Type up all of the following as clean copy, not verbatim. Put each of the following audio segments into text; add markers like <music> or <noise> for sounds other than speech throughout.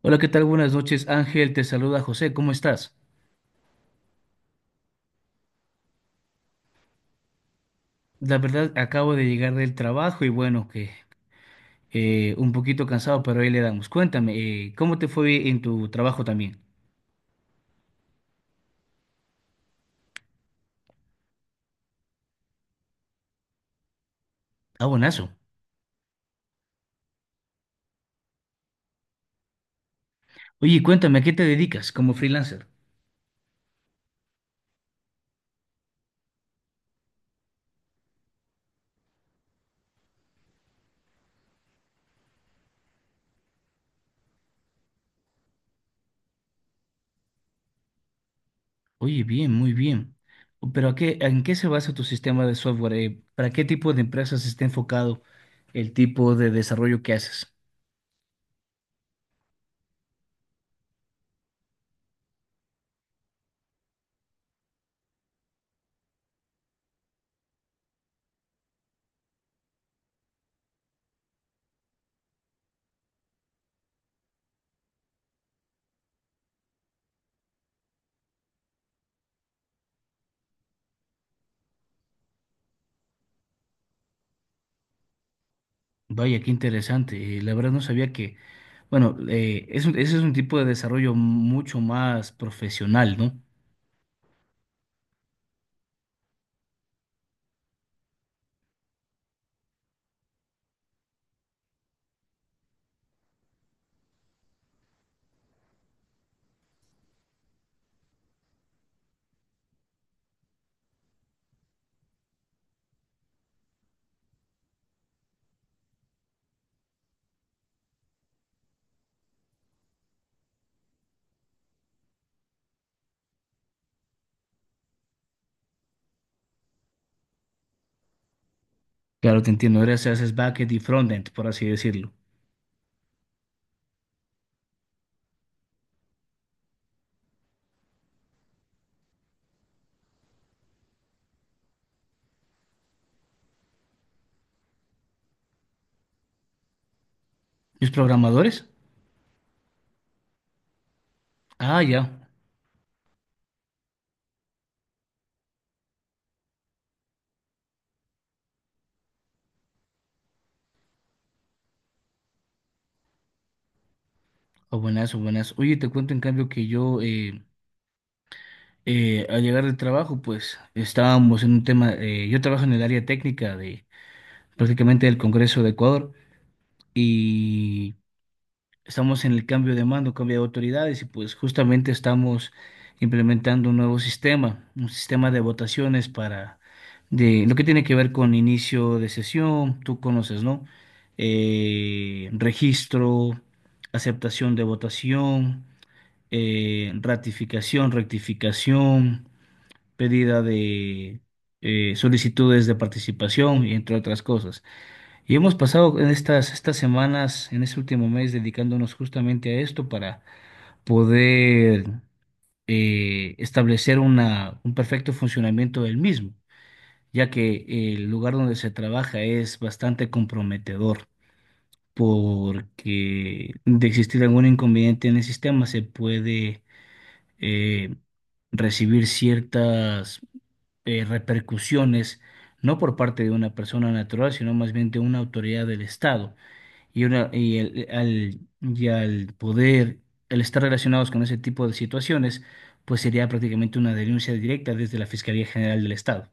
Hola, ¿qué tal? Buenas noches, Ángel. Te saluda José. ¿Cómo estás? La verdad, acabo de llegar del trabajo y bueno, que un poquito cansado, pero ahí le damos. Cuéntame, ¿cómo te fue en tu trabajo también? Ah, buenazo. Oye, cuéntame, ¿a qué te dedicas como freelancer? Oye, bien, muy bien. Pero ¿a qué, en qué se basa tu sistema de software? ¿Para qué tipo de empresas está enfocado el tipo de desarrollo que haces? Vaya, qué interesante. La verdad no sabía que Bueno, ese es un tipo de desarrollo mucho más profesional, ¿no? Claro, te entiendo. Ahora se haces backend y frontend, por así decirlo. ¿Los programadores? Ah, ya. O buenas, o buenas. Oye, te cuento en cambio que yo, al llegar del trabajo, pues estábamos en un tema. Yo trabajo en el área técnica de prácticamente del Congreso de Ecuador y estamos en el cambio de mando, cambio de autoridades y pues justamente estamos implementando un nuevo sistema, un sistema de votaciones para de lo que tiene que ver con inicio de sesión, tú conoces, ¿no? Registro, aceptación de votación, ratificación, rectificación, pedida de solicitudes de participación y entre otras cosas. Y hemos pasado en estas semanas, en este último mes, dedicándonos justamente a esto para poder establecer un perfecto funcionamiento del mismo, ya que el lugar donde se trabaja es bastante comprometedor, porque de existir algún inconveniente en el sistema se puede eh, recibir ciertas repercusiones, no por parte de una persona natural, sino más bien de una autoridad del Estado y, una, y, el- al, y al poder, al estar relacionados con ese tipo de situaciones, pues sería prácticamente una denuncia directa desde la Fiscalía General del Estado.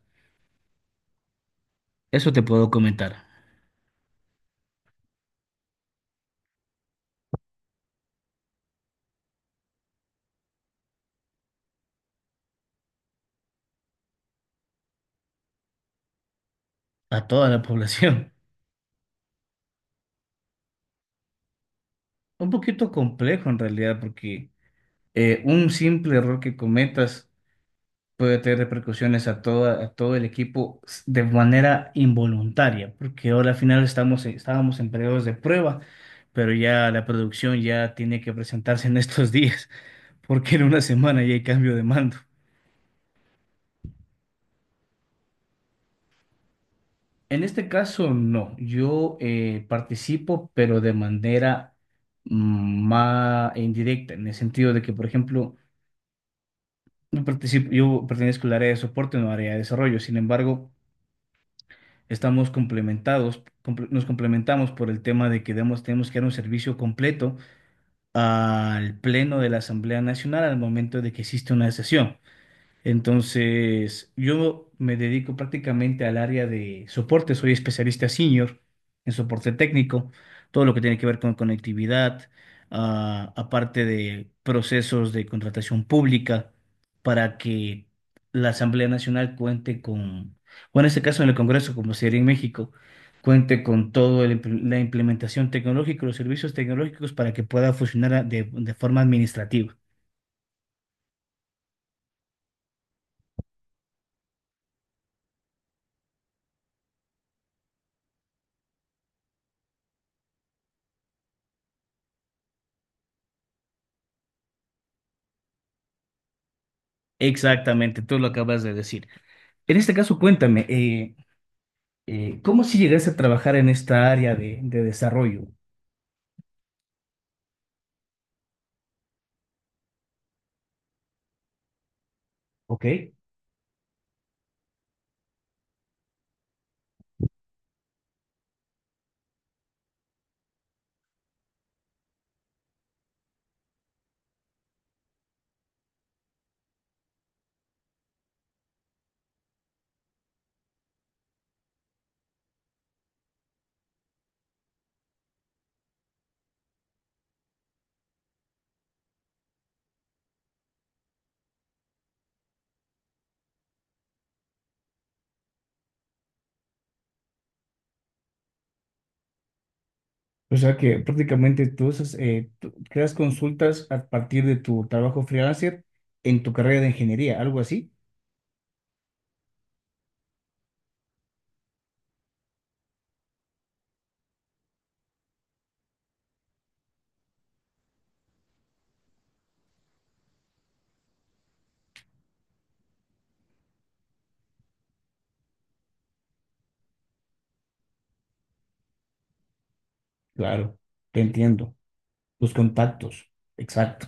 Eso te puedo comentar a toda la población. <laughs> Un poquito complejo en realidad, porque un simple error que cometas puede tener repercusiones a todo el equipo de manera involuntaria, porque ahora al final estábamos en periodos de prueba, pero ya la producción ya tiene que presentarse en <laughs> estos días. Porque en una semana ya hay cambio de mando. En este caso, no. Yo participo, pero de manera más indirecta, en el sentido de que, por ejemplo, yo participo, yo pertenezco al área de soporte, no al área de desarrollo. Sin embargo, nos complementamos por el tema de que tenemos que dar un servicio completo al Pleno de la Asamblea Nacional al momento de que existe una sesión. Entonces, yo me dedico prácticamente al área de soporte, soy especialista senior en soporte técnico, todo lo que tiene que ver con conectividad, ah, aparte de procesos de contratación pública para que la Asamblea Nacional cuente con, o en este caso en el Congreso, como sería en México, cuente con toda la implementación tecnológica, los servicios tecnológicos para que pueda funcionar de forma administrativa. Exactamente, tú lo acabas de decir. En este caso, cuéntame, ¿cómo si llegaste a trabajar en esta área de desarrollo? ¿Ok? O sea que prácticamente tú, haces, tú creas consultas a partir de tu trabajo freelancer en tu carrera de ingeniería, algo así. Claro, te entiendo. Tus contactos. Exacto.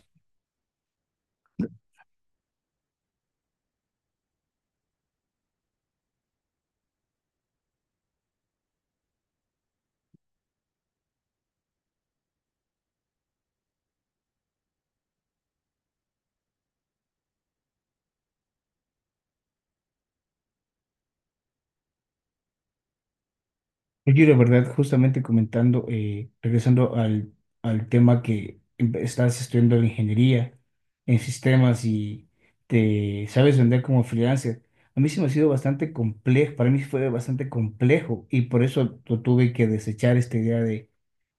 Oye, de verdad, justamente comentando, regresando al tema que estás estudiando en ingeniería en sistemas y te sabes vender como freelancer, a mí se me ha sido bastante complejo, para mí fue bastante complejo y por eso tuve que desechar esta idea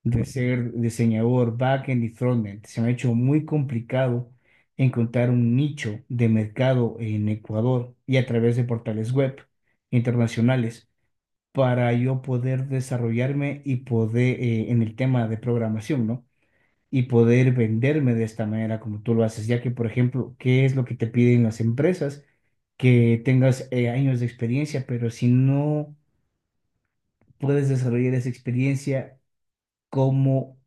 de ser diseñador backend y frontend. Se me ha hecho muy complicado encontrar un nicho de mercado en Ecuador y a través de portales web internacionales para yo poder desarrollarme y poder en el tema de programación, ¿no? Y poder venderme de esta manera como tú lo haces, ya que, por ejemplo, ¿qué es lo que te piden las empresas? Que tengas años de experiencia, pero si no puedes desarrollar esa experiencia, ¿cómo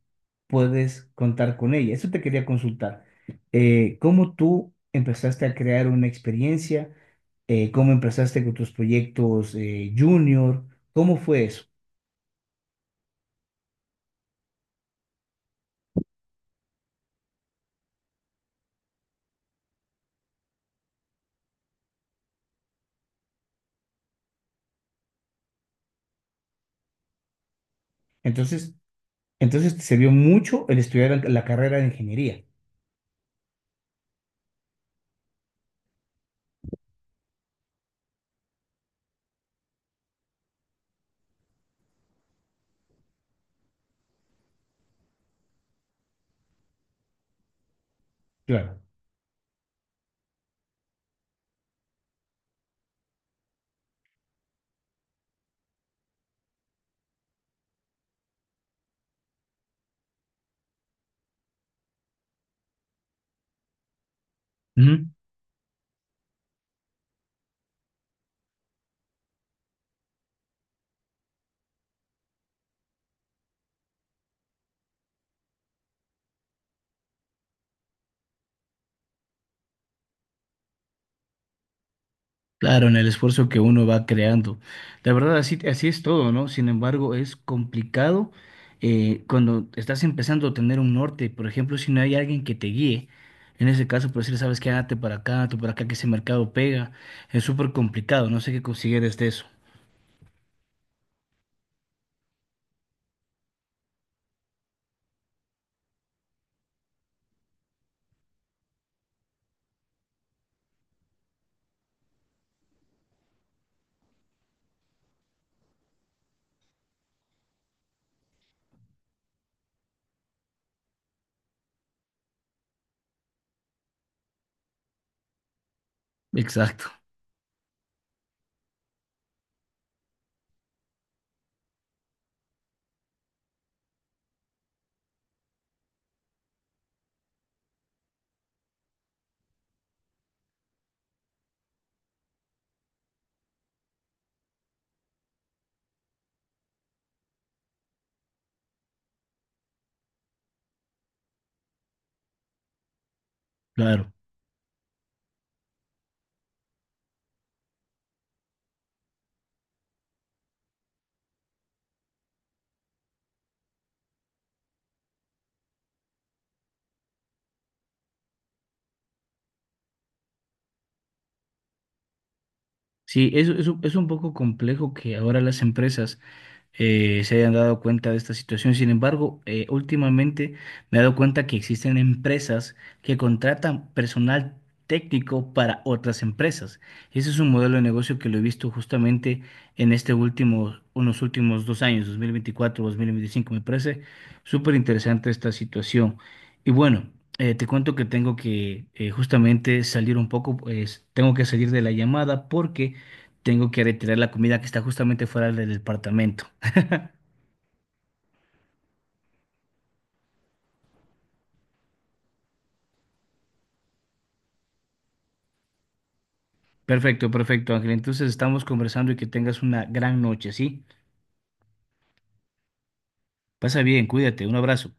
puedes contar con ella? Eso te quería consultar. ¿Cómo tú empezaste a crear una experiencia? ¿Cómo empezaste con tus proyectos junior? ¿Cómo fue eso? Entonces, Entonces te sirvió mucho el estudiar la carrera de ingeniería. Claro. Ujú. Claro, en el esfuerzo que uno va creando. La verdad, así es todo, ¿no? Sin embargo, es complicado cuando estás empezando a tener un norte. Por ejemplo, si no hay alguien que te guíe, en ese caso, por decir, sabes que hazte para acá, tú para acá, que ese mercado pega, es súper complicado. No sé qué consideres de eso. Exacto, claro. Sí, eso es, es un poco complejo que ahora las empresas. Se hayan dado cuenta de esta situación. Sin embargo, últimamente me he dado cuenta que existen empresas que contratan personal técnico para otras empresas. Ese es un modelo de negocio que lo he visto justamente en este último, unos últimos 2 años, 2024, 2025. Me parece súper interesante esta situación. Y bueno, te cuento que tengo que justamente salir un poco, pues tengo que salir de la llamada porque tengo que retirar la comida que está justamente fuera del departamento. Perfecto, perfecto, Ángel. Entonces estamos conversando y que tengas una gran noche, ¿sí? Pasa bien, cuídate, un abrazo.